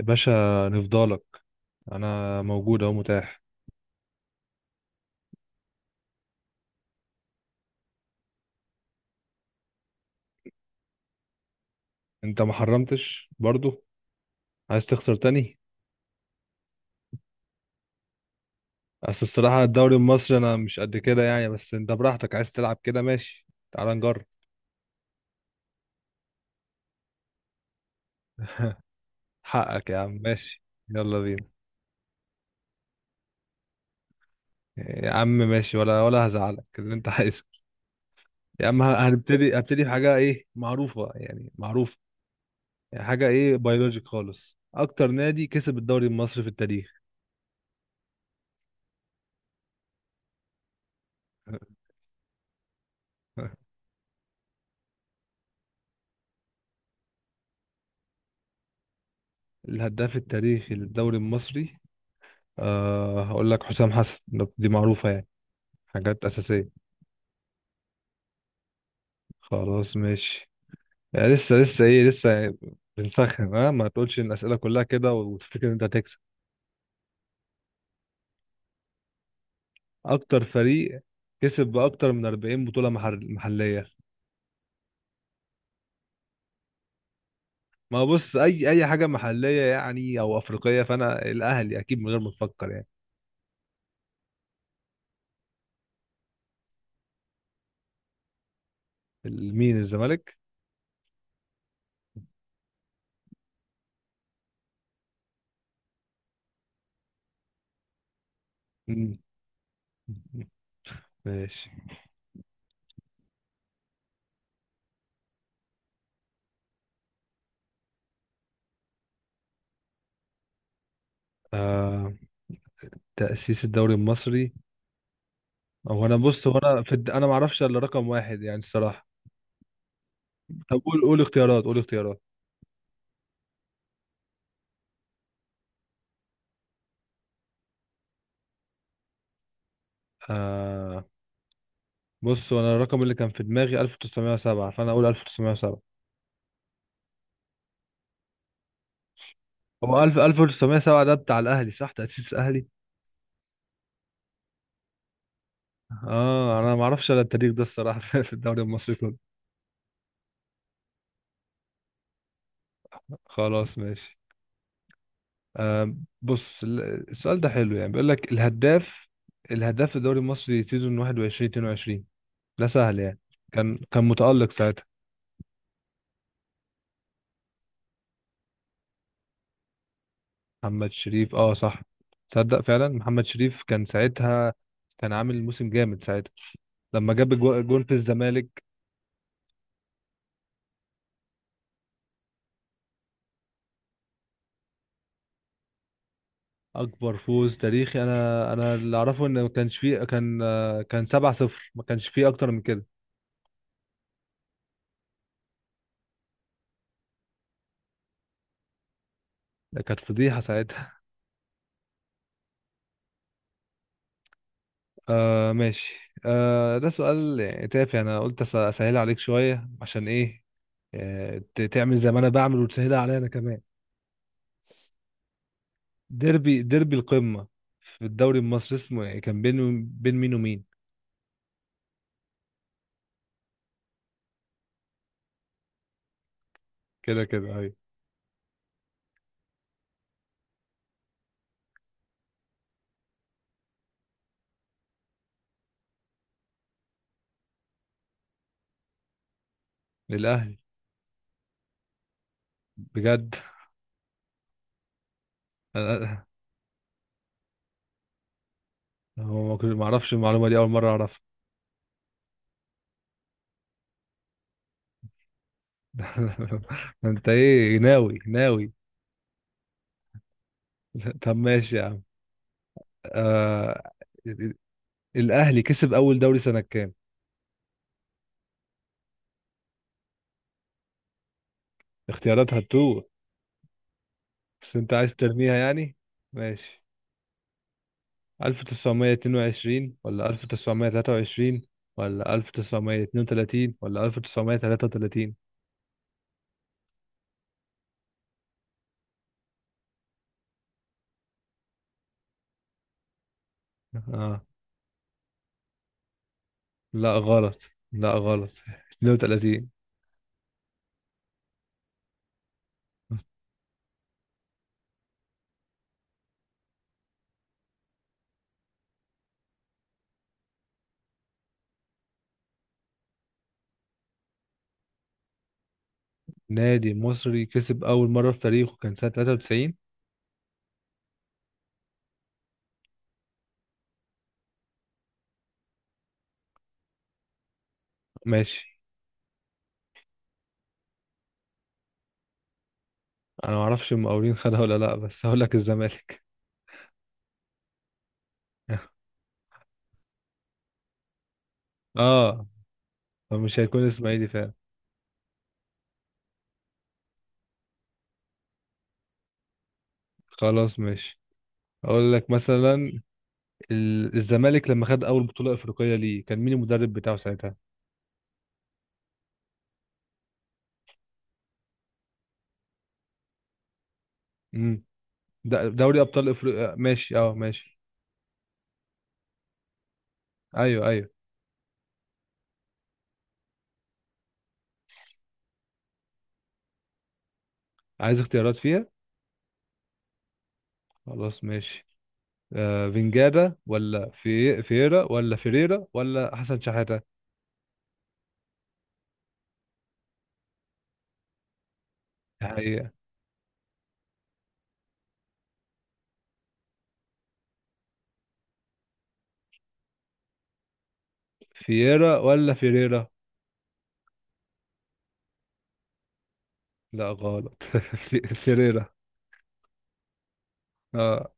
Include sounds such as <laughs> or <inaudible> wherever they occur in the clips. يا باشا، نفضالك. انا موجود اهو، متاح. انت ما حرمتش برضو؟ عايز تخسر تاني؟ بس الصراحة الدوري المصري انا مش قد كده يعني. بس انت براحتك، عايز تلعب كده ماشي. تعال نجرب. <laughs> حقك يا عم، ماشي. يلا بينا. يا عم ماشي، ولا هزعلك اللي انت عايزه. يا عم، ه- هنبتدي هبتدي بحاجة ايه؟ معروفة يعني، معروفة. يعني حاجة ايه؟ بيولوجيك خالص، اكتر نادي كسب الدوري المصري في التاريخ. <laughs> الهداف التاريخي للدوري المصري، هقول لك حسام حسن. دي معروفة يعني، حاجات أساسية. خلاص ماشي. يعني لسه بنسخن. ما تقولش إن الأسئلة كلها كده وتفكر إن أنت هتكسب. أكتر فريق كسب بأكتر من 40 بطولة محلية. ما بص، أي حاجة محلية يعني أو أفريقية، فأنا الأهلي أكيد من غير ما تفكر يعني. مين الزمالك؟ مم. ماشي، آه. تأسيس الدوري المصري. هو أنا بص، هو أنا في أنا معرفش إلا رقم واحد يعني، الصراحة. طب قول اختيارات، قول اختيارات. آه بص، وانا الرقم اللي كان في دماغي 1907، فانا اقول 1907. هو 1000 1907 ده بتاع الاهلي، صح؟ تأسيس الاهلي. اه انا ما اعرفش انا التاريخ ده الصراحه. <laughs> في الدوري المصري كله. خلاص ماشي. آه بص، السؤال ده حلو يعني، بيقول لك الهداف. الهداف في الدوري المصري سيزون 21 22، ده سهل يعني. كان متألق ساعتها. محمد شريف، اه صح. تصدق فعلا محمد شريف كان ساعتها، كان عامل موسم جامد ساعتها لما جاب جون في الزمالك. اكبر فوز تاريخي، انا اللي اعرفه ان ما كانش فيه. كان كان 7-0، ما كانش فيه اكتر من كده. ده كانت فضيحة ساعتها. <laughs> آه ماشي. آه، ده سؤال يعني تافه، انا قلت اسهل عليك شوية عشان ايه. تعمل زي ما انا بعمل وتسهلها عليا انا كمان. ديربي القمة في الدوري المصري اسمه، يعني كان بين مين ومين؟ كده كده، ايوه. للاهلي. بجد؟ أنا- هو ما اعرفش المعلومه دي، اول مره اعرفها. <laughs> انت ايه، ناوي ناوي؟ <laughs> طب ماشي يا عم. آه... الاهلي كسب اول دوري سنه كام؟ اختيارات هتوه، بس انت عايز ترميها يعني. ماشي، 1922 ولا 1923 ولا 1932 ولا 1933؟ اه. لا غلط، لا غلط. 32. نادي مصري كسب أول مرة في تاريخه كان سنة 93؟ ماشي. أنا معرفش المقاولين خدها ولا لأ، بس هقول لك الزمالك. <laughs> آه، فمش هيكون إسماعيلي فعلا. خلاص ماشي. أقول لك مثلا، الزمالك لما خد أول بطولة أفريقية ليه، كان مين المدرب بتاعه ساعتها؟ امم دوري أبطال أفريقيا، ماشي، أه ماشي. أيوه أيوه. عايز اختيارات فيها؟ خلاص ماشي. آه، فينجادا ولا فييرا ولا فيريرا ولا حسن شحاتة؟ هي. فييرا ولا فيريرا؟ لا غلط. <laughs> فيريرا، اه.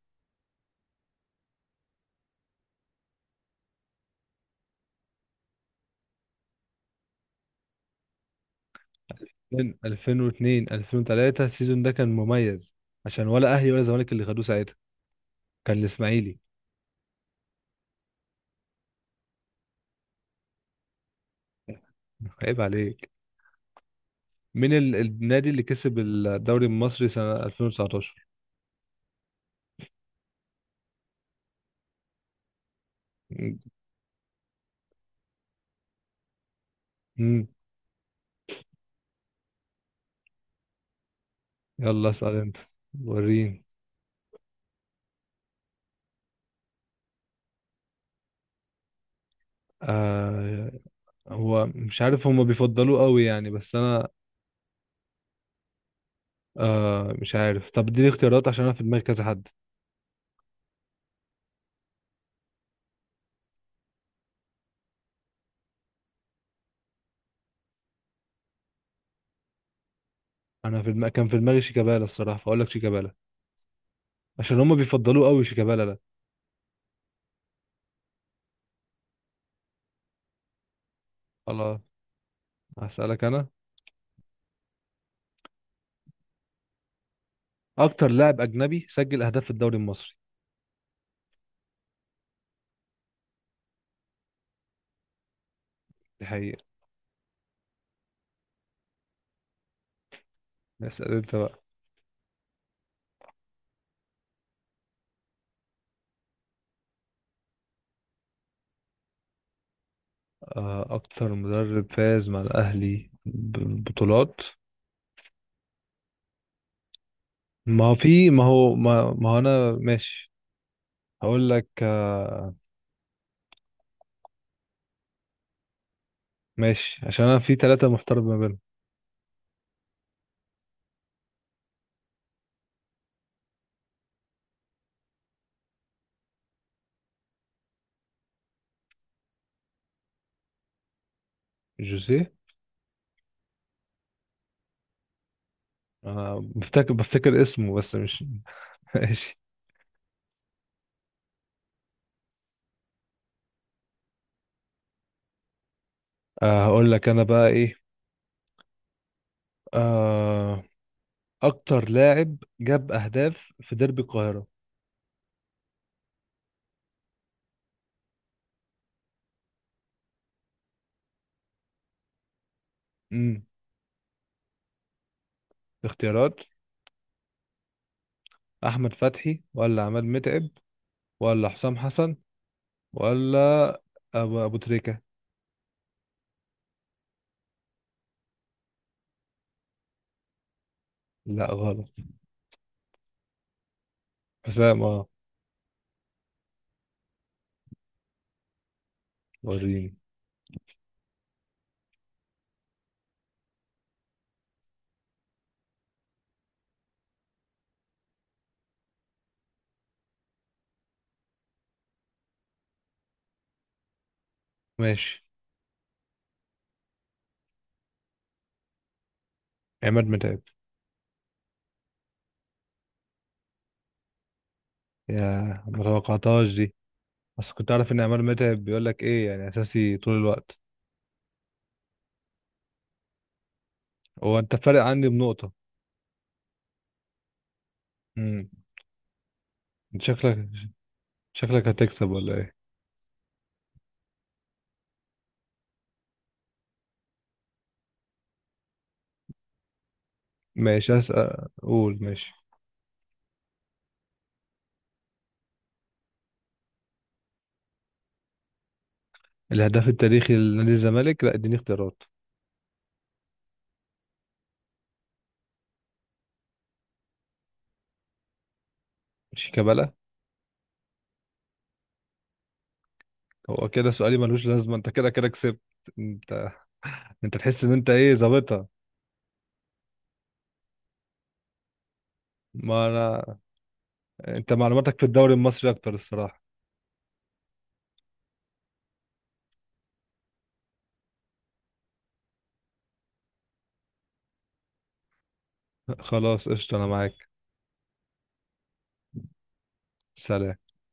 2000 2002 2003، السيزون ده كان مميز عشان ولا اهلي ولا زمالك اللي خدوه ساعتها، كان الاسماعيلي. عيب عليك. مين النادي اللي كسب الدوري المصري سنة 2019؟ امم. يلا اسأل انت، وريني. آه، هو مش عارف. هما بيفضلوه قوي يعني، بس انا. مش عارف. طب اديني اختيارات عشان انا في دماغي كذا حد. انا في دماغي كان في دماغي شيكابالا الصراحة، فاقول لك شيكابالا عشان هما بيفضلوه قوي، شيكابالا ده. خلاص. هسألك أنا، أكتر لاعب أجنبي سجل أهداف في الدوري المصري. دي حقيقة. اسأل أنت بقى. أكتر مدرب فاز مع الأهلي ببطولات. ما هو في ما هو ما, ما هو أنا ماشي. هقول لك. ماشي، عشان أنا في ثلاثة محترف ما بينهم. جوزيه. أنا بفتكر اسمه بس مش. <laughs> ماشي. هقول لك أنا بقى إيه. آه، أكتر لاعب جاب أهداف في ديربي القاهرة. امم. اختيارات: احمد فتحي ولا عماد متعب، ولا حسام حسن، ولا أبو تريكة؟ لا غلط. حسام، اه. وريني، ماشي. عماد متعب. يا، ما توقعتهاش دي. بس كنت عارف ان عماد متعب بيقول لك ايه يعني، اساسي طول الوقت. هو انت فارق عني بنقطة. امم. أنت شكلك هتكسب ولا ايه؟ ماشي، اسأل، قول ماشي. الهداف التاريخي لنادي الزمالك. لا، اديني اختيارات. شيكابالا. هو كده سؤالي ملوش لازمة، انت كده كده كسبت. انت انت تحس ان انت ايه، ظابطها. ما انا، انت معلوماتك في الدوري المصري اكتر الصراحة. <laughs> خلاص قشطة، انا معاك. سلام.